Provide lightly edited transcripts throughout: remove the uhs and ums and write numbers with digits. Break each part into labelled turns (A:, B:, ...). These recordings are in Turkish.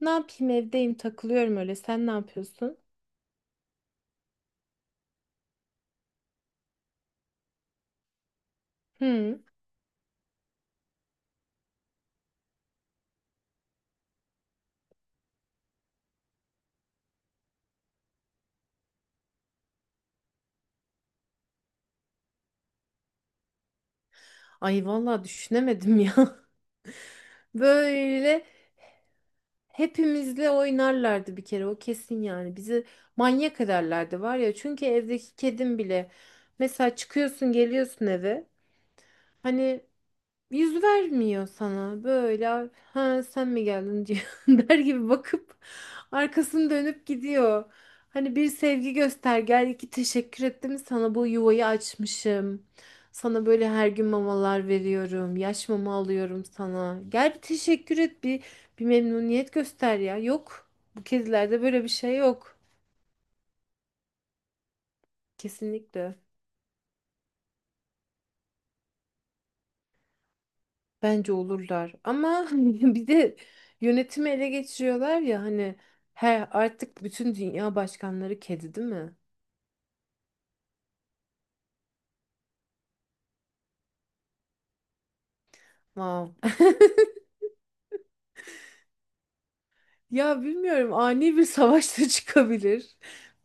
A: Ne yapayım evdeyim takılıyorum öyle. Sen ne yapıyorsun? Hı. Ay vallahi düşünemedim ya. Böyle hepimizle oynarlardı bir kere o kesin yani. Bizi manyak ederlerdi var ya. Çünkü evdeki kedim bile mesela çıkıyorsun geliyorsun eve. Hani yüz vermiyor sana. Böyle ha sen mi geldin diyor der gibi bakıp arkasını dönüp gidiyor. Hani bir sevgi göster gel iki teşekkür ettim sana bu yuvayı açmışım. Sana böyle her gün mamalar veriyorum. Yaş mama alıyorum sana. Gel bir teşekkür et bir bir memnuniyet göster ya. Yok. Bu kedilerde böyle bir şey yok. Kesinlikle. Bence olurlar ama bir de yönetimi ele geçiriyorlar ya hani her artık bütün dünya başkanları kedi değil mi? Wow. Ya bilmiyorum ani bir savaşta çıkabilir.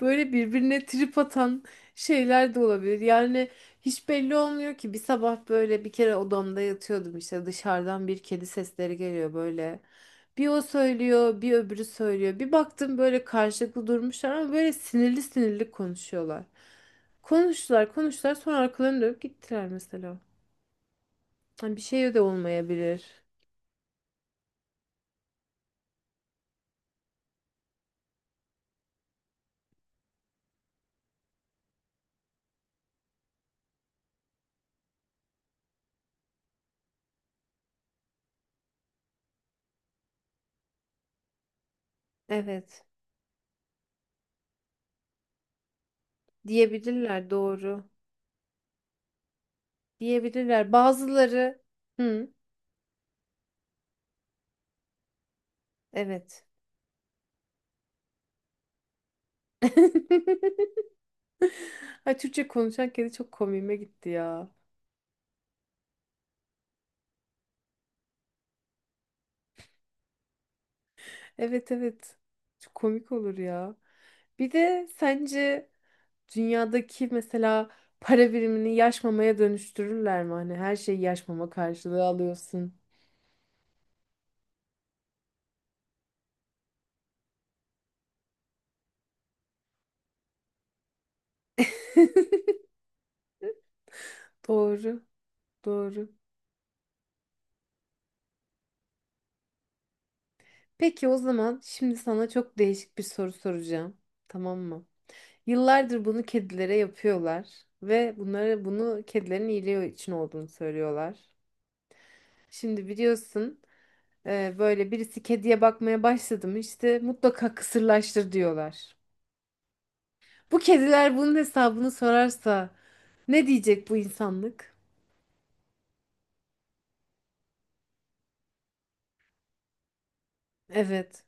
A: Böyle birbirine trip atan şeyler de olabilir. Yani hiç belli olmuyor ki. Bir sabah böyle bir kere odamda yatıyordum işte dışarıdan bir kedi sesleri geliyor böyle. Bir o söylüyor, bir öbürü söylüyor. Bir baktım böyle karşılıklı durmuşlar ama böyle sinirli sinirli konuşuyorlar. Konuştular, konuştular sonra arkalarını dönüp gittiler mesela. Hani bir şey de olmayabilir. Evet, diyebilirler doğru. Diyebilirler. Bazıları. Hı. Evet. Ay Türkçe konuşan kedi çok komiğime gitti ya. Evet evet. Çok komik olur ya. Bir de sence dünyadaki mesela para birimini yaş mamaya dönüştürürler mi? Hani her şeyi yaş mama karşılığı alıyorsun. Doğru, doğru. Peki o zaman şimdi sana çok değişik bir soru soracağım. Tamam mı? Yıllardır bunu kedilere yapıyorlar ve bunu kedilerin iyiliği için olduğunu söylüyorlar. Şimdi biliyorsun böyle birisi kediye bakmaya başladı mı işte mutlaka kısırlaştır diyorlar. Bu kediler bunun hesabını sorarsa ne diyecek bu insanlık? Evet.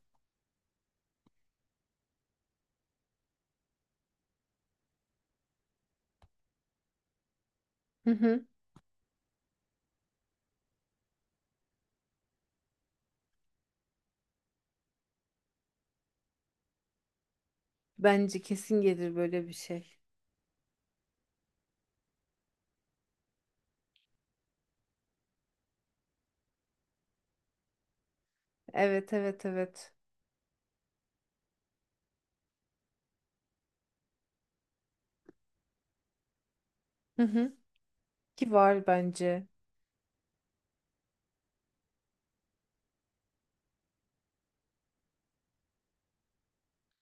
A: Hı hı. Bence kesin gelir böyle bir şey. Evet evet evet. Hı hı. Ki var bence.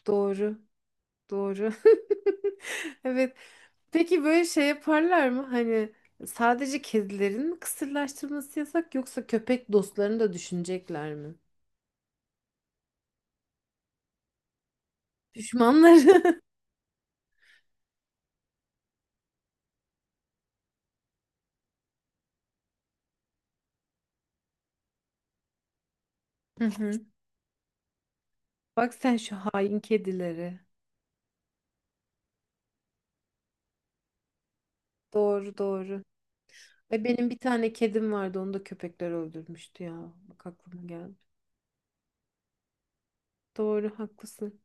A: Doğru. Doğru. Evet. Peki böyle şey yaparlar mı? Hani sadece kedilerin mi kısırlaştırması yasak yoksa köpek dostlarını da düşünecekler mi? Düşmanları. Hı hı. Bak sen şu hain kedileri. Doğru doğru. Ve benim bir tane kedim vardı onu da köpekler öldürmüştü ya. Bak aklıma geldi. Doğru haklısın.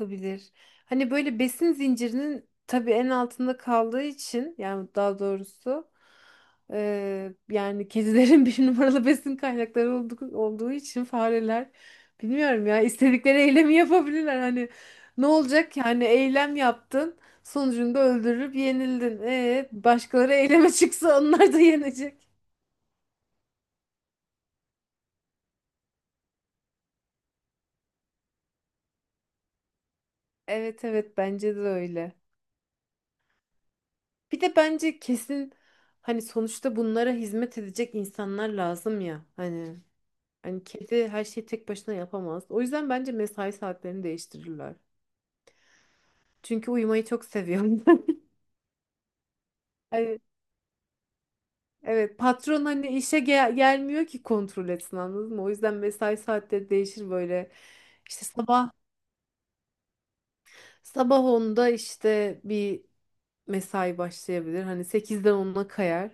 A: Olabilir. Hani böyle besin zincirinin tabii en altında kaldığı için yani daha doğrusu yani kedilerin bir numaralı besin kaynakları olduğu için fareler bilmiyorum ya istedikleri eylemi yapabilirler. Hani ne olacak ki? Hani eylem yaptın sonucunda öldürüp yenildin. E, başkaları eyleme çıksa onlar da yenecek. Evet evet bence de öyle. Bir de bence kesin hani sonuçta bunlara hizmet edecek insanlar lazım ya. Hani kedi her şeyi tek başına yapamaz. O yüzden bence mesai saatlerini değiştirirler. Çünkü uyumayı çok seviyorum. Hani evet patron hani işe gelmiyor ki kontrol etsin anladın mı? O yüzden mesai saatleri değişir böyle. İşte sabah Sabah onda işte bir mesai başlayabilir. Hani sekizden 10'a kayar.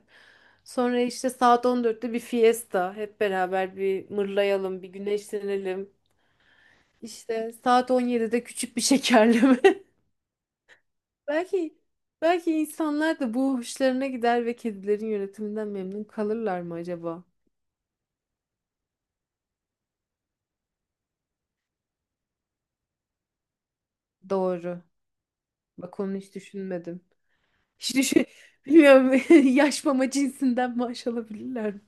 A: Sonra işte saat 14'te bir fiesta. Hep beraber bir mırlayalım, bir güneşlenelim. İşte saat 17'de küçük bir şekerleme. Belki belki insanlar da bu hoşlarına gider ve kedilerin yönetiminden memnun kalırlar mı acaba? Doğru. Bak onu hiç düşünmedim. Hiç düşün... Bilmiyorum. Yaş mama cinsinden maaş alabilirler mi?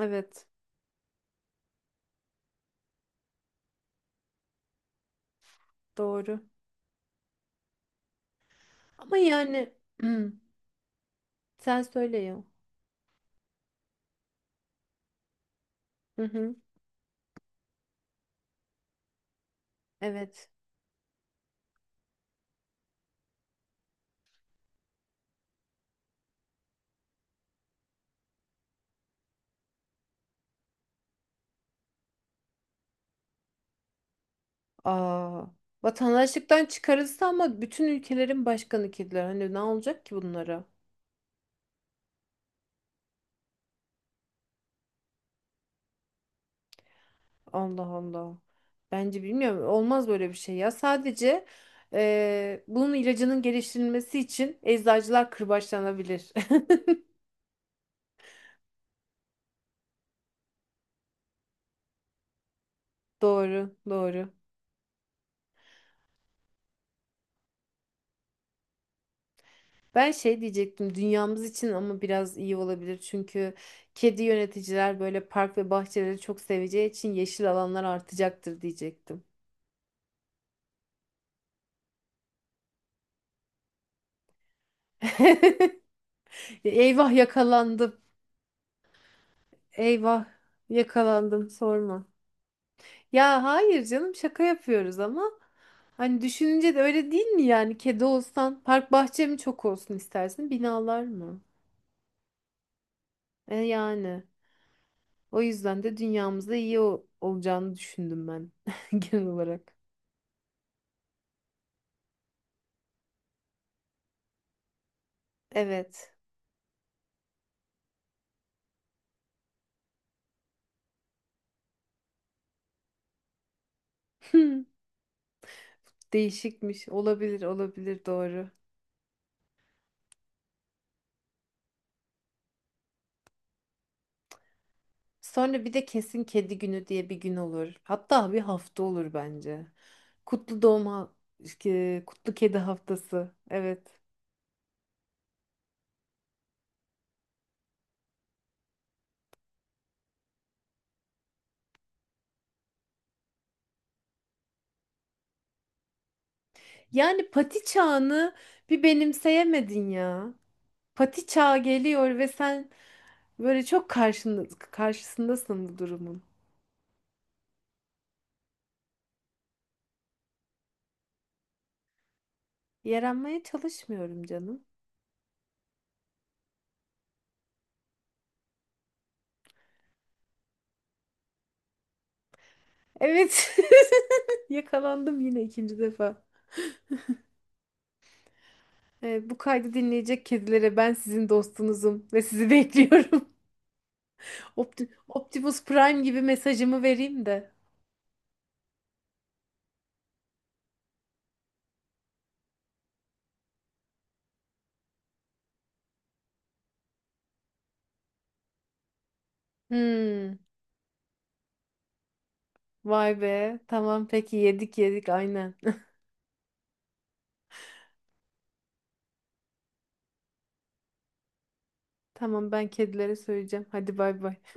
A: Evet. Doğru. Ama yani hmm, sen söyle ya. Hı hı. Evet. Aa, vatandaşlıktan çıkarılsa ama bütün ülkelerin başkanı kediler. Hani ne olacak ki bunlara? Allah Allah. Bence bilmiyorum. Olmaz böyle bir şey ya. Sadece bunun ilacının geliştirilmesi için eczacılar kırbaçlanabilir. Doğru, doğru. Ben şey diyecektim dünyamız için ama biraz iyi olabilir çünkü kedi yöneticiler böyle park ve bahçeleri çok seveceği için yeşil alanlar artacaktır diyecektim. Eyvah yakalandım. Eyvah yakalandım sorma. Ya hayır canım şaka yapıyoruz ama hani düşününce de öyle değil mi yani kedi olsan park bahçe mi çok olsun istersin binalar mı? E yani o yüzden de dünyamızda iyi olacağını düşündüm ben genel olarak. Evet. Değişikmiş. Olabilir, olabilir doğru. Sonra bir de kesin kedi günü diye bir gün olur. Hatta bir hafta olur bence. Kutlu doğma, kutlu kedi haftası. Evet. Yani pati çağını bir benimseyemedin ya. Pati çağı geliyor ve sen böyle çok karşısındasın bu durumun. Yaranmaya çalışmıyorum canım. Evet. Yakalandım yine ikinci defa. Bu kaydı dinleyecek kedilere ben sizin dostunuzum ve sizi bekliyorum. Optimus Prime gibi mesajımı vereyim de. Hmm, vay be. Tamam peki yedik yedik aynen. Tamam ben kedilere söyleyeceğim. Hadi bay bay.